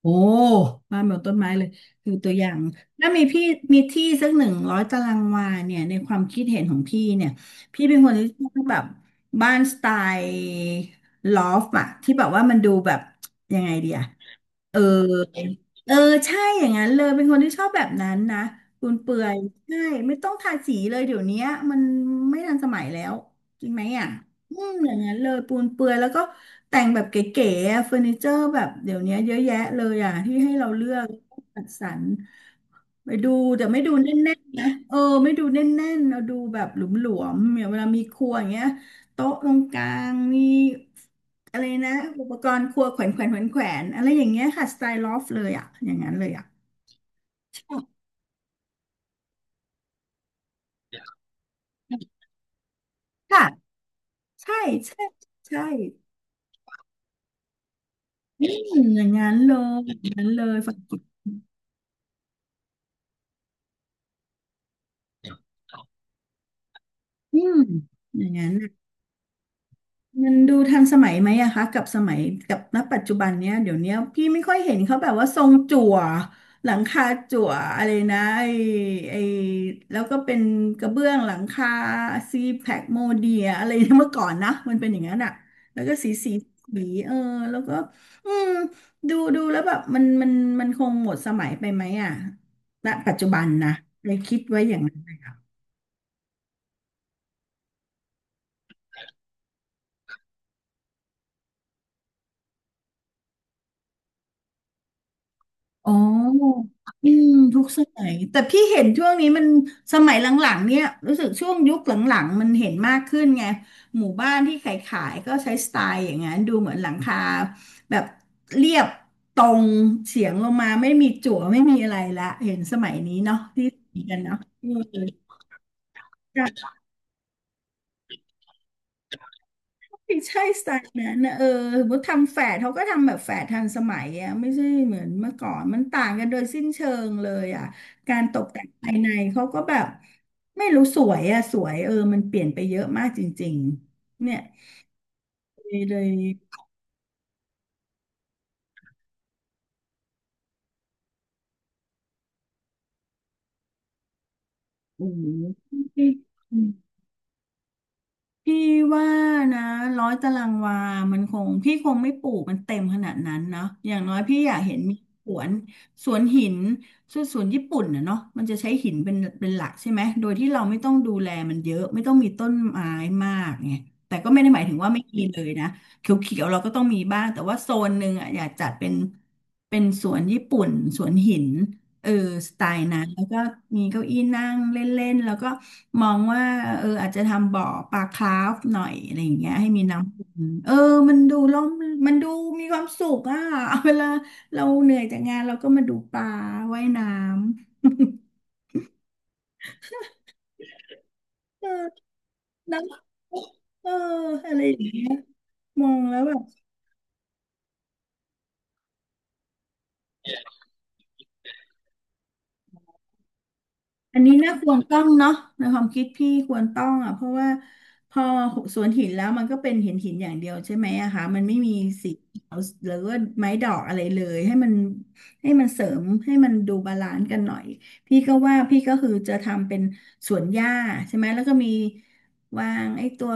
โอ้บ้านแบบต้นไม้เลยคือตัวอย่างถ้ามีพี่มีที่สักหนึ่งร้อยตารางวาเนี่ยในความคิดเห็นของพี่เนี่ยพี่เป็นคนที่ชอบแบบบ้านสไตล์ลอฟอะที่แบบว่ามันดูแบบยังไงดีอะ เออเออใช่อย่างนั้นเลย เป็นคนที่ชอบแบบนั้นนะคุณเปื่อยใช่ไม่ต้องทาสีเลยเดี๋ยวเนี้ยมันไม่ทันสมัยแล้ว จริงไหมอ่ะอืมอย่างนั้นเลย ปูนเปื่อยแล้วก็แต่งแบบเก๋ๆอะเฟอร์นิเจอร์แบบเดี๋ยวเนี้ยเยอะแยะเลยอ่ะที่ให้เราเลือกจัดสรร ไปดูแต่ไม่ดูแน่นๆนะเออไม่ดูแน่นๆเราดูแบบหลวมๆอย่างเวลามีครัวอย่างเงี้ยโต๊ะตรงกลางมีอะไรนะอุปกรณ์ครัวแขวนแขวนแขวนแขวนอะไรอย่างเงี้ยค่ะสไตล์ลอฟเลยอ่ะอย่างนั้นเลยอ่ะใช่ค่ะใช่ใช่ใช่อืมอย่างนั้นเลยอย่างนั้นเลยฝักอืมอย่างนั้น มันดูทันสมัยไหมอะคะกับสมัยกับณปัจจุบันเนี้ยเดี๋ยวเนี้ยพี่ไม่ค่อยเห็นเขาแบบว่าทรงจั่วหลังคาจั่วอะไรนะไอแล้วก็เป็นกระเบื้องหลังคาซีแพคโมเดียอะไรนะเมื่อก่อนนะมันเป็นอย่างนั้นอะแล้วก็สีเออแล้วก็อืมดูแล้วแบบมันคงหมดสมัยไปไหมอะณปัจจุบันนะเลยคิดไว้อย่างนั้น อ๋ออืมทุกสมัยแต่พี่เห็นช่วงนี้มันสมัยหลังๆเนี่ยรู้สึกช่วงยุคหลังๆมันเห็นมากขึ้นไงหมู่บ้านที่ขายๆก็ใช้สไตล์อย่างนั้นดูเหมือนหลังคาแบบเรียบตรงเฉียงลงมาไม่มีจั่วไม่มีอะไรละเห็นสมัยนี้เนาะที่มีกันเนาะเออ ใช่สไตล์นั้นนะเออสมมติทำแฝดเขาก็ทำแบบแฝดทันสมัยอ่ะไม่ใช่เหมือนเมื่อก่อนมันต่างกันโดยสิ้นเชิงเลยอ่ะการตกแต่งภายในเขาก็แบบไม่รู้สวยอ่ะสวยเออมันเปลี่ยนไปเยอะมากจริงๆเนี่ยเลยโอ้โห พี่ว่านะร้อยตารางวามันคงพี่คงไม่ปลูกมันเต็มขนาดนั้นเนาะอย่างน้อยพี่อยากเห็นมีสวนสวนหินส่วนสวนญี่ปุ่นนะเนาะมันจะใช้หินเป็นหลักใช่ไหมโดยที่เราไม่ต้องดูแลมันเยอะไม่ต้องมีต้นไม้มากไงแต่ก็ไม่ได้หมายถึงว่าไม่มีเลยนะเขียวๆเราก็ต้องมีบ้างแต่ว่าโซนหนึ่งอ่ะอยากจัดเป็นเป็นสวนญี่ปุ่นสวนหินเออสไตล์นั้นแล้วก็มีเก้าอี้นั่งเล่นๆแล้วก็ มองว่าเอออาจจะทำบ่อปลาคราฟหน่อยอะไรอย่างเงี้ยให้มีน้ำวนเออมันดูร่มมันดูมีความสุขอ่ะ เวลาเราเหนื่อยจากงานเราก็มาดูปลาว่ายน้ำ เออนะเอออะไรอย่างเงี้ยมองแล้วแบบ อันนี้น่าควรต้องเนาะในความคิดพี่ควรต้องอ่ะเพราะว่าพอสวนหินแล้วมันก็เป็นเหินหินอย่างเดียวใช่ไหมอะคะมันไม่มีสีเขียวหรือว่าไม้ดอกอะไรเลยให้มันให้มันเสริมให้มันดูบาลานซ์กันหน่อยพี่ก็ว่าพี่ก็คือจะทำเป็นสวนหญ้าใช่ไหมแล้วก็มีวางไอ้ตัว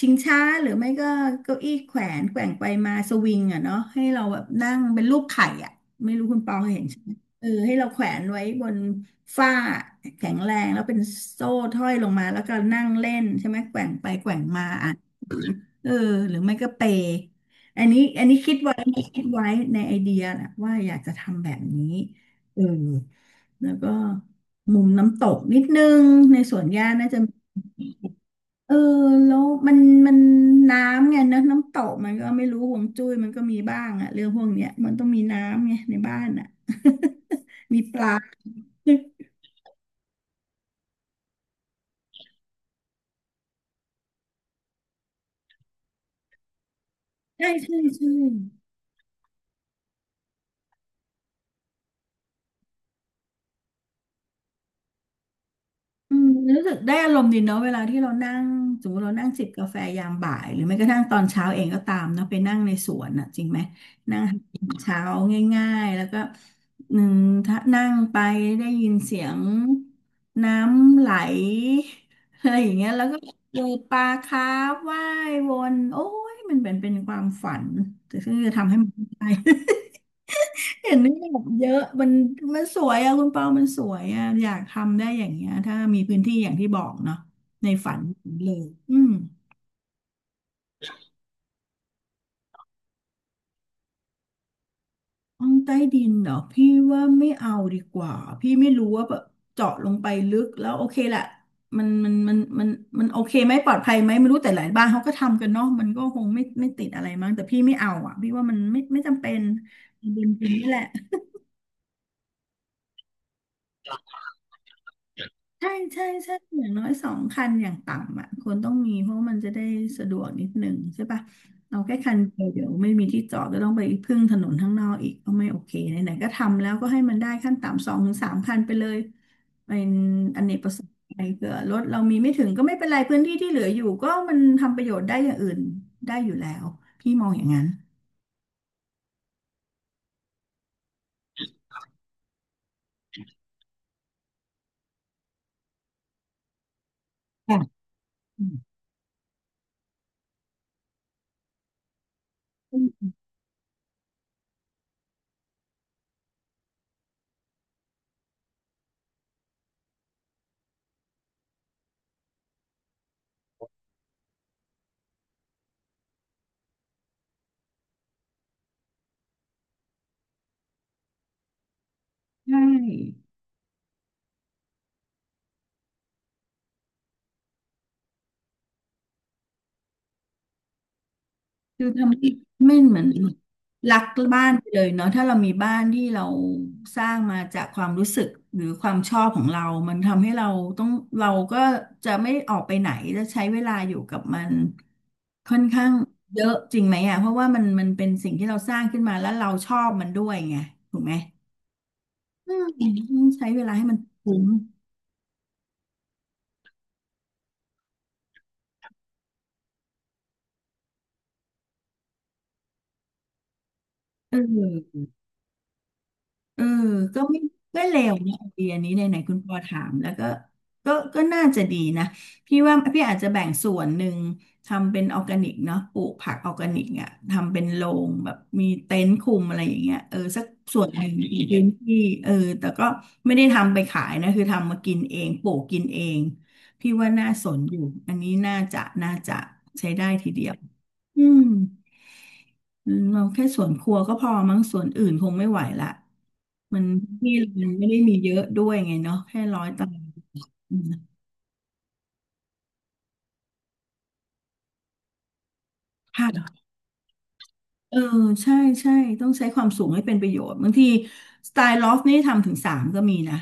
ชิงช้าหรือไม่ก็เก้าอี้แขวนแกว่งไปมาสวิงอ่ะเนาะให้เราแบบนั่งเป็นรูปไข่อ่ะไม่รู้คุณปอเคยเห็น เออให้เราแขวนไว้บนฝ้าแข็งแรงแล้วเป็นโซ่ห้อยลงมาแล้วก็นั่งเล่นใช่ไหมแกว่งไปแกว่งมาอ่ะเออหรือไม่ก็เปย์อันนี้อันนี้คิดไว้คิดไว้ในไอเดียนะว่าอยากจะทำแบบนี้เออแล้วก็มุมน้ำตกนิดนึงในสวนหญ้าน่าจะเออแล้วมันมันน้ำไงนะน้ำตกมันก็ไม่รู้ห่วงจุ้ยมันก็มีบ้างอะเรื่องพวกเนี้ยมันต้องมีน้ำไงในบ้านอะ มีปลา ใช่ใช่ใช่อืมรู้สึกได้อารมณ์ดีเนาะเวลาที่เรานั่งสมมติเรานั่งจิบกาแฟยามบ่ายหรือไม่กระทั่งตอนเช้าเองก็ตามเนาะไปนั่งในสวนอ่ะจริงไหมนั่งหากินเช้าง่ายๆแล้วก็หนึ่งถ้านั่งไปได้ยินเสียงน้ำไหลอะไรอย่างเงี้ยแล้วก็เจอปลาคาร์ฟว่ายวนโอ้ยมันเป็นเป็นความฝันแต่ซึ่งจะทำให้มันได้ เห็นนี่แบบเยอะมันสวยอะคุณเปามันสวยอะอยากทำได้อย่างเงี้ยถ้ามีพื้นที่อย่างที่บอกเนาะในฝันเลยอืมห้องใต้ดินเหรอพี่ว่าไม่เอาดีกว่าพี่ไม่รู้ว่าแบบเจาะลงไปลึกแล้วโอเคแหละมันมันโอเคไหมปลอดภัยไหมไม่รู้แต่หลายบ้านเขาก็ทำกันเนาะมันก็คงไม่ติดอะไรมั้งแต่พี่ไม่เอาอะพี่ว่ามันไม่จำเป็นดินดินนี่แหละ ใช่ใช่ใช่อย่างน้อย2 คันอย่างต่ำอ่ะคนต้องมีเพราะมันจะได้สะดวกนิดหนึ่งใช่ปะเอาแค่คันเดียวเดี๋ยวไม่มีที่จอดก็ต้องไปพึ่งถนนข้างนอกอีกก็ไม่โอเคไหนๆก็ทำแล้วก็ให้มันได้ขั้นต่ำ2-3 คันไปเลยเป็นอเนกประสงค์ไปเผื่อรถเรามีไม่ถึงก็ไม่เป็นไรพื้นที่ที่เหลืออยู่ก็มันทำประโยชน์ได้อย่างอื่นได้อยู่แล้วพี่มองอย่างนั้นค่ะอืมใช่ คือทำให้ไม่เหมือนรักบ้านไปเลยเนาะถ้าเรามีบ้านที่เราสร้างมาจากความรู้สึกหรือความชอบของเรามันทำให้เราต้องเราก็จะไม่ออกไปไหนจะใช้เวลาอยู่กับมันค่อนข้างเยอะจริงไหมอ่ะเพราะว่ามันเป็นสิ่งที่เราสร้างขึ้นมาแล้วเราชอบมันด้วยไงถูกไหมอืมต้องใช้เวลาให้มันคุ้มเออ เออก็ไม่ก็เลวนะไอเดียนี้ไหนๆคุณปอถามแล้วก็ก็น่าจะดีนะพี่ว่าพี่อาจจะแบ่งส่วนหนึ่งทำเป็นออร์แกนิกเนาะปลูกผักออร์แกนิกอ่ะทำเป็นโรงแบบมีเต็นท์คุมอะไรอย่างเงี้ยเออสักส่วนหนึ่งในพื้นที่เออแต่ก็ไม่ได้ทำไปขายนะคือทำมากินเองปลูกกินเองพี่ว่าน่าสนอยู่อันนี้น่าจะใช้ได้ทีเดียวอืม อืมเราแค่สวนครัวก็พอมั้งสวนอื่นคงไม่ไหวละมันที่มันไม่ได้มีเยอะด้วยไงเนาะแค่100 ตารางอืมค่ะ เออใช่ใช่ต้องใช้ความสูงให้เป็นประโยชน์บางทีสไตล์ลอฟนี่ทำถึงสามก็มีนะ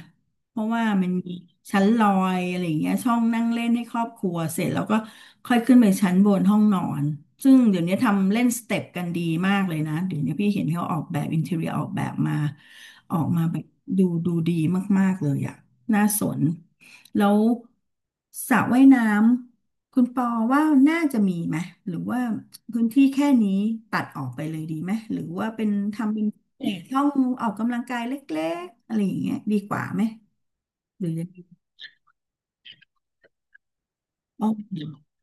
เพราะว่ามันมีชั้นลอยอะไรอย่างเงี้ยช่องนั่งเล่นให้ครอบครัวเสร็จแล้วก็ค่อยขึ้นไปชั้นบนห้องนอนซึ่งเดี๋ยวนี้ทำเล่นสเต็ปกันดีมากเลยนะเดี๋ยวนี้พี่เห็นเขาออกแบบอินเทอร์เรียออกแบบมาออกมาแบบดูดีมากๆเลยอะน่าสนแล้วสระว่ายน้ำ คุณปอว่าน่าจะมีไหมหรือว่าพื้นที่แค่นี้ตัดออกไปเลยดีไหมหรือว่าเป็นทำเป็นเอ่อช่องออกกำลังกายเล็กๆอะไรอย่างเงี้ยดีกว่าไหมหรือยังไงอ๋อ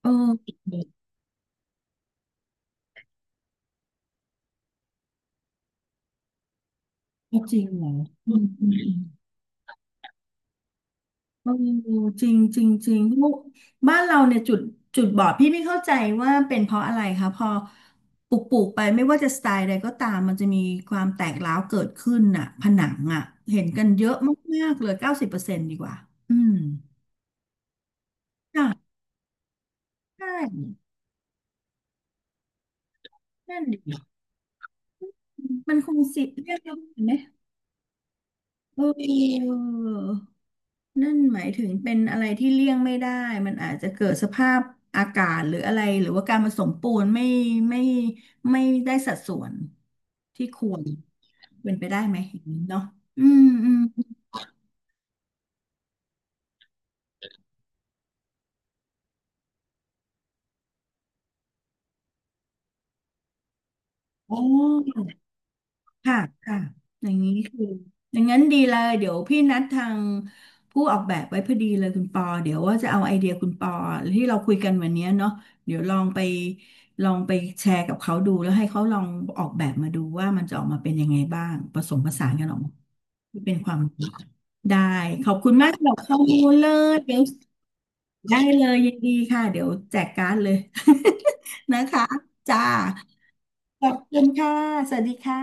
เออจริงเหรออืม โอ้จริงจริงจริงลูกบ้านเราเนี่ยจุดบอดพี่ไม่เข้าใจว่าเป็นเพราะอะไรคะพอปลูกไปไม่ว่าจะสไตล์ใดก็ตามมันจะมีความแตกร้าวเกิดขึ้นน่ะผนังอ่ะเห็นกันเยอะมากๆเลย90%ดีกว่าอืมจ้ะใช่นั่นดิมันคงสิเรียกแล้วเห็นไหมเออ นั่นหมายถึงเป็นอะไรที่เลี่ยงไม่ได้มันอาจจะเกิดสภาพอากาศหรืออะไรหรือว่าการผสมปูนไม่ไม่ได้สัดส่วนที่ควรเป็นไปได้ไหมอย่างนี้เนาะอืมอืมโอ้ ค่ะค่ะ อย่างนี้คืออย่างนั้นดีเลย เดี๋ยวพี่นัดทางผู้ออกแบบไว้พอดีเลยคุณปอ เดี๋ยวว่าจะเอาไอเดียคุณปอที่เราคุยกันวันเนี้ยเนาะเดี๋ยวลองไปแชร์กับเขาดูแล้วให้เขาลองออกแบบมาดูว่ามันจะออกมาเป็นยังไงบ้างผสมผสานกันออกมาที่เป็นความรู้ได้ขอบคุณมากสำหรับข้อมูลเลยเดี๋ยวได้เลยยินดีค่ะเดี๋ยวแจกการ์ดเลย นะคะจ้าขอบคุณค่ะสวัสดีค่ะ